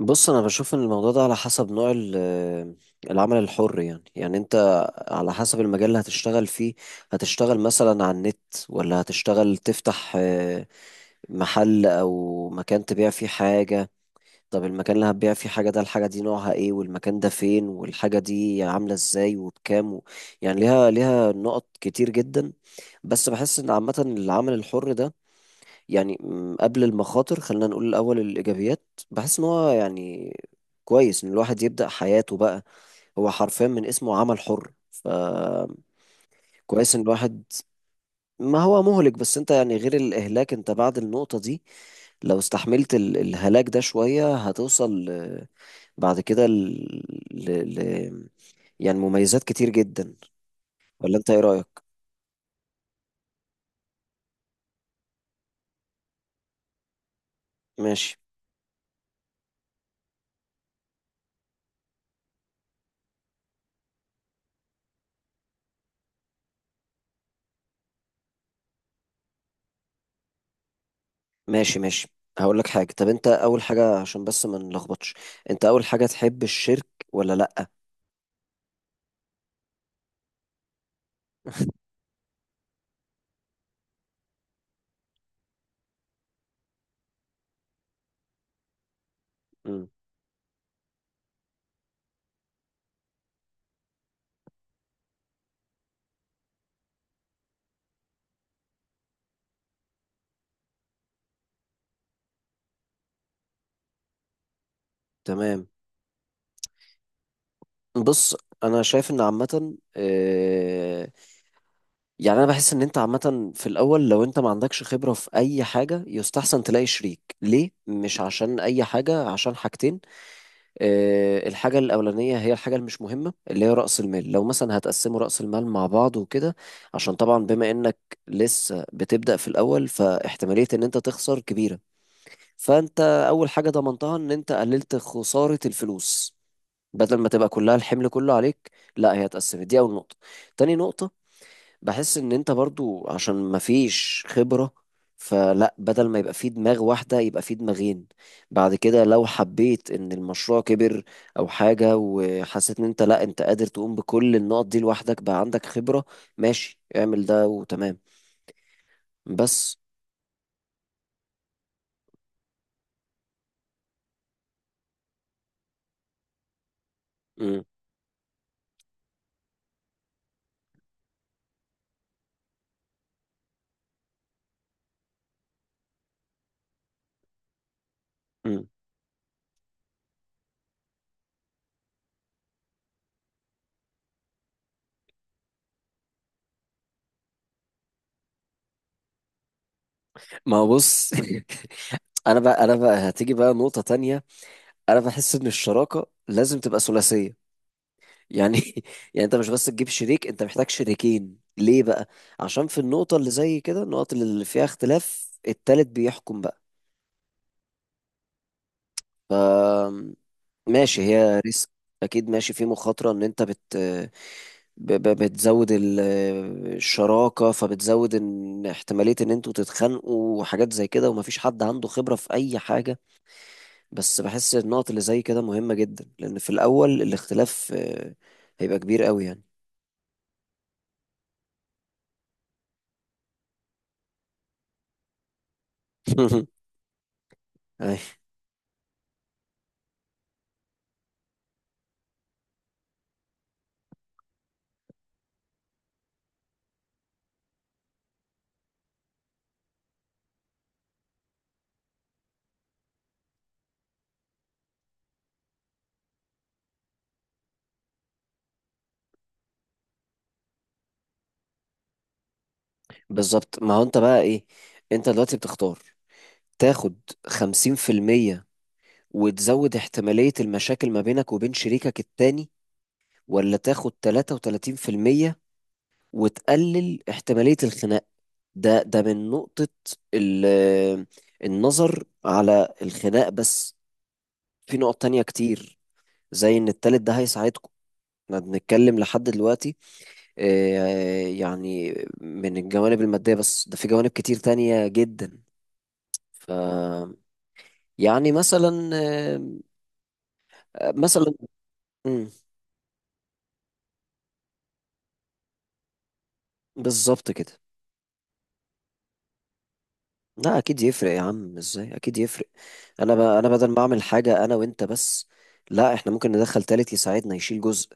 بص انا بشوف ان الموضوع ده على حسب نوع العمل الحر يعني انت على حسب المجال اللي هتشتغل فيه. هتشتغل مثلا على النت ولا هتشتغل تفتح محل او مكان تبيع فيه حاجة. طب المكان اللي هتبيع فيه حاجة ده، الحاجة دي نوعها ايه والمكان ده فين والحاجة دي عاملة ازاي وبكام و... يعني ليها نقط كتير جدا. بس بحس ان عامة العمل الحر ده يعني قبل المخاطر خلينا نقول الأول الإيجابيات. بحس إن هو يعني كويس إن الواحد يبدأ حياته بقى. هو حرفيا من اسمه عمل حر، ف كويس إن الواحد. ما هو مهلك بس أنت يعني غير الإهلاك أنت بعد النقطة دي لو استحملت الهلاك ده شوية هتوصل ل- بعد كده ل... ل... ل... يعني مميزات كتير جدا. ولا أنت إيه رأيك؟ ماشي ماشي. هقول لك حاجة، طب أنت أول حاجة عشان بس ما نلخبطش، أنت أول حاجة تحب الشرك ولا لأ؟ مم. تمام. بص انا شايف ان عامه، يعني انا بحس ان انت عامه في الاول لو انت ما عندكش خبره في اي حاجه يستحسن تلاقي شريك ليه، مش عشان اي حاجه، عشان حاجتين. الحاجه الاولانيه هي الحاجه المش مهمه اللي هي راس المال، لو مثلا هتقسموا راس المال مع بعض وكده، عشان طبعا بما انك لسه بتبدا في الاول فاحتماليه ان انت تخسر كبيره. فانت اول حاجه ضمنتها ان انت قللت خساره الفلوس، بدل ما تبقى كلها الحمل كله عليك، لا هي اتقسمت. دي اول نقطه. تاني نقطه، بحس ان انت برضو عشان ما فيش خبره، فلا بدل ما يبقى في دماغ واحده يبقى في دماغين. بعد كده لو حبيت ان المشروع كبر او حاجه وحسيت ان انت، لا انت قادر تقوم بكل النقط دي لوحدك بقى عندك خبره، ماشي اعمل ده وتمام. بس. مم. مم. ما هو بص، انا بقى هتيجي بقى نقطة تانية. انا بحس ان الشراكة لازم تبقى ثلاثية يعني. يعني انت مش بس تجيب شريك، انت محتاج شريكين. ليه بقى؟ عشان في النقطة اللي زي كده، النقط اللي فيها اختلاف، التالت بيحكم بقى. ف ماشي هي ريسك، اكيد ماشي في مخاطرة ان انت بتزود الشراكة، فبتزود ان احتمالية ان انتوا تتخانقوا وحاجات زي كده ومفيش حد عنده خبرة في اي حاجة. بس بحس النقط اللي زي كده مهمة جدا، لأن في الأول الاختلاف هيبقى كبير قوي يعني. أي، بالظبط. ما هو أنت بقى إيه، أنت دلوقتي بتختار تاخد خمسين في المية وتزود احتمالية المشاكل ما بينك وبين شريكك التاني، ولا تاخد تلاتة وتلاتين في المية وتقلل احتمالية الخناق. ده من نقطة ال- النظر على الخناق بس. في نقط تانية كتير، زي إن التالت ده هيساعدكم. احنا بنتكلم لحد دلوقتي يعني من الجوانب المادية بس، ده في جوانب كتير تانية جدا. ف يعني مثلا، مثلا، مم، بالظبط كده. لا اكيد يفرق يا عم، ازاي، اكيد يفرق. انا بدل ما اعمل حاجه انا وانت بس، لا احنا ممكن ندخل تالت يساعدنا، يشيل جزء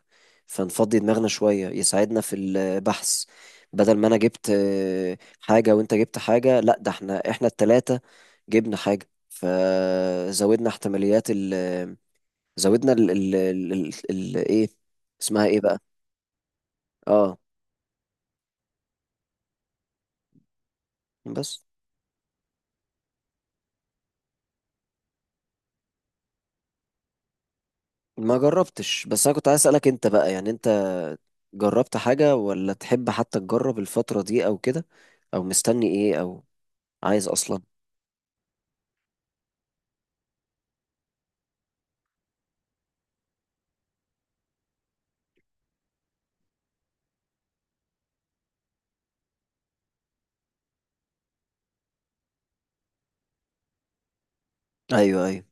فنفضي دماغنا شويه، يساعدنا في البحث. بدل ما انا جبت حاجه وانت جبت حاجه، لا ده احنا التلاته جبنا حاجه، فزودنا احتماليات زودنا ايه اسمها ايه بقى. اه. بس ما جربتش، بس انا كنت عايز اسالك انت بقى، يعني انت جربت حاجه ولا تحب حتى تجرب الفتره دي او كده، او مستني ايه، او عايز اصلا. ايوه ايوه.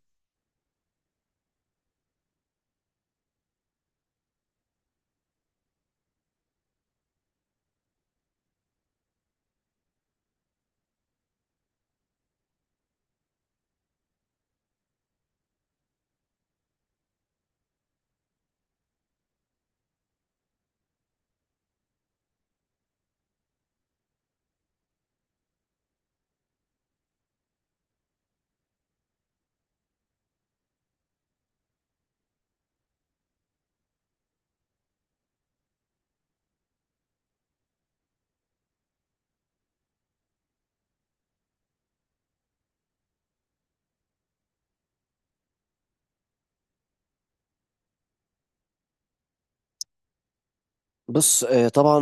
بص طبعا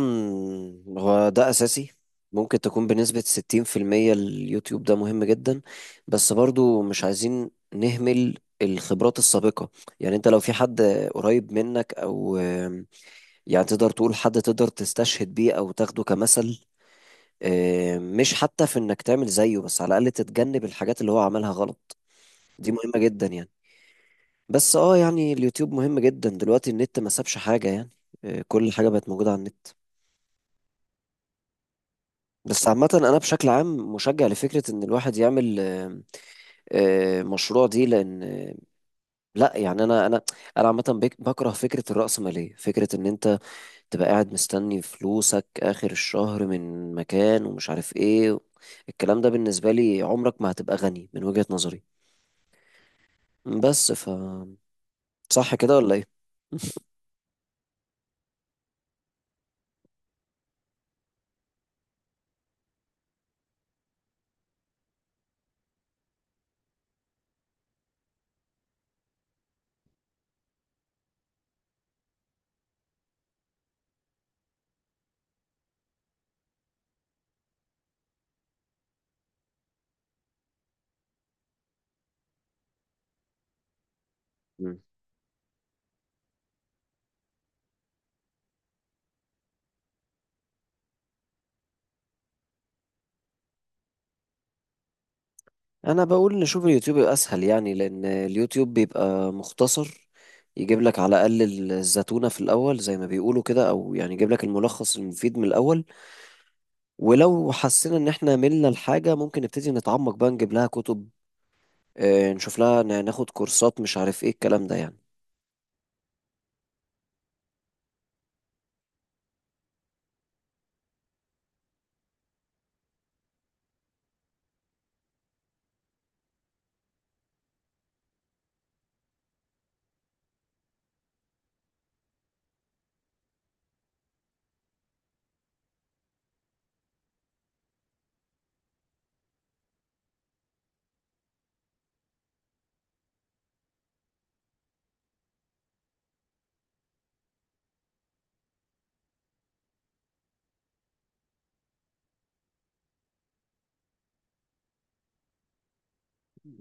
هو ده اساسي، ممكن تكون بنسبه 60%. اليوتيوب ده مهم جدا، بس برضو مش عايزين نهمل الخبرات السابقه. يعني انت لو في حد قريب منك او يعني تقدر تقول حد تقدر تستشهد بيه او تاخده كمثل، مش حتى في انك تعمل زيه، بس على الاقل تتجنب الحاجات اللي هو عملها غلط. دي مهمة جدا يعني. بس اه يعني اليوتيوب مهم جدا دلوقتي، النت ما سابش حاجة يعني. كل حاجة بقت موجودة على النت. بس عامة أنا بشكل عام مشجع لفكرة إن الواحد يعمل مشروع. دي لأن لأ يعني أنا عامة بكره فكرة الرأسمالية، فكرة إن أنت تبقى قاعد مستني فلوسك آخر الشهر من مكان ومش عارف إيه. الكلام ده بالنسبة لي، عمرك ما هتبقى غني من وجهة نظري. بس ف صح كده ولا ايه؟ مم. انا بقول نشوف اليوتيوب يبقى اسهل، يعني لان اليوتيوب بيبقى مختصر، يجيب لك على الاقل الزتونة في الاول زي ما بيقولوا كده، او يعني يجيب لك الملخص المفيد من الاول. ولو حسينا ان احنا ملنا الحاجة ممكن نبتدي نتعمق بقى، نجيب لها كتب، نشوف لها، ناخد كورسات مش عارف ايه الكلام ده يعني.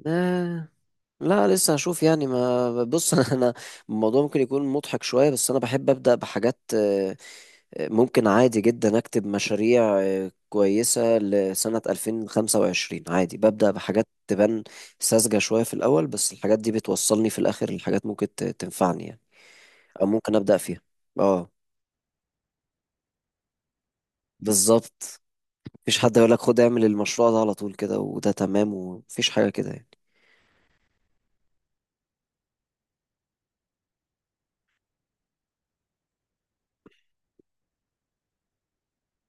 آه، لا لسه هشوف يعني. ما بص، انا الموضوع ممكن يكون مضحك شوية، بس انا بحب ابدأ بحاجات، ممكن عادي جدا أكتب مشاريع كويسة لسنة 2025 عادي، ببدأ بحاجات تبان ساذجة شوية في الأول، بس الحاجات دي بتوصلني في الآخر لحاجات ممكن تنفعني يعني، أو ممكن أبدأ فيها. اه. بالظبط، مفيش حد يقولك خد اعمل المشروع ده على طول كده وده تمام، ومفيش حاجة كده يعني.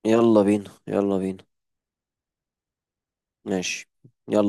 يلا بينا. ماشي، يلا.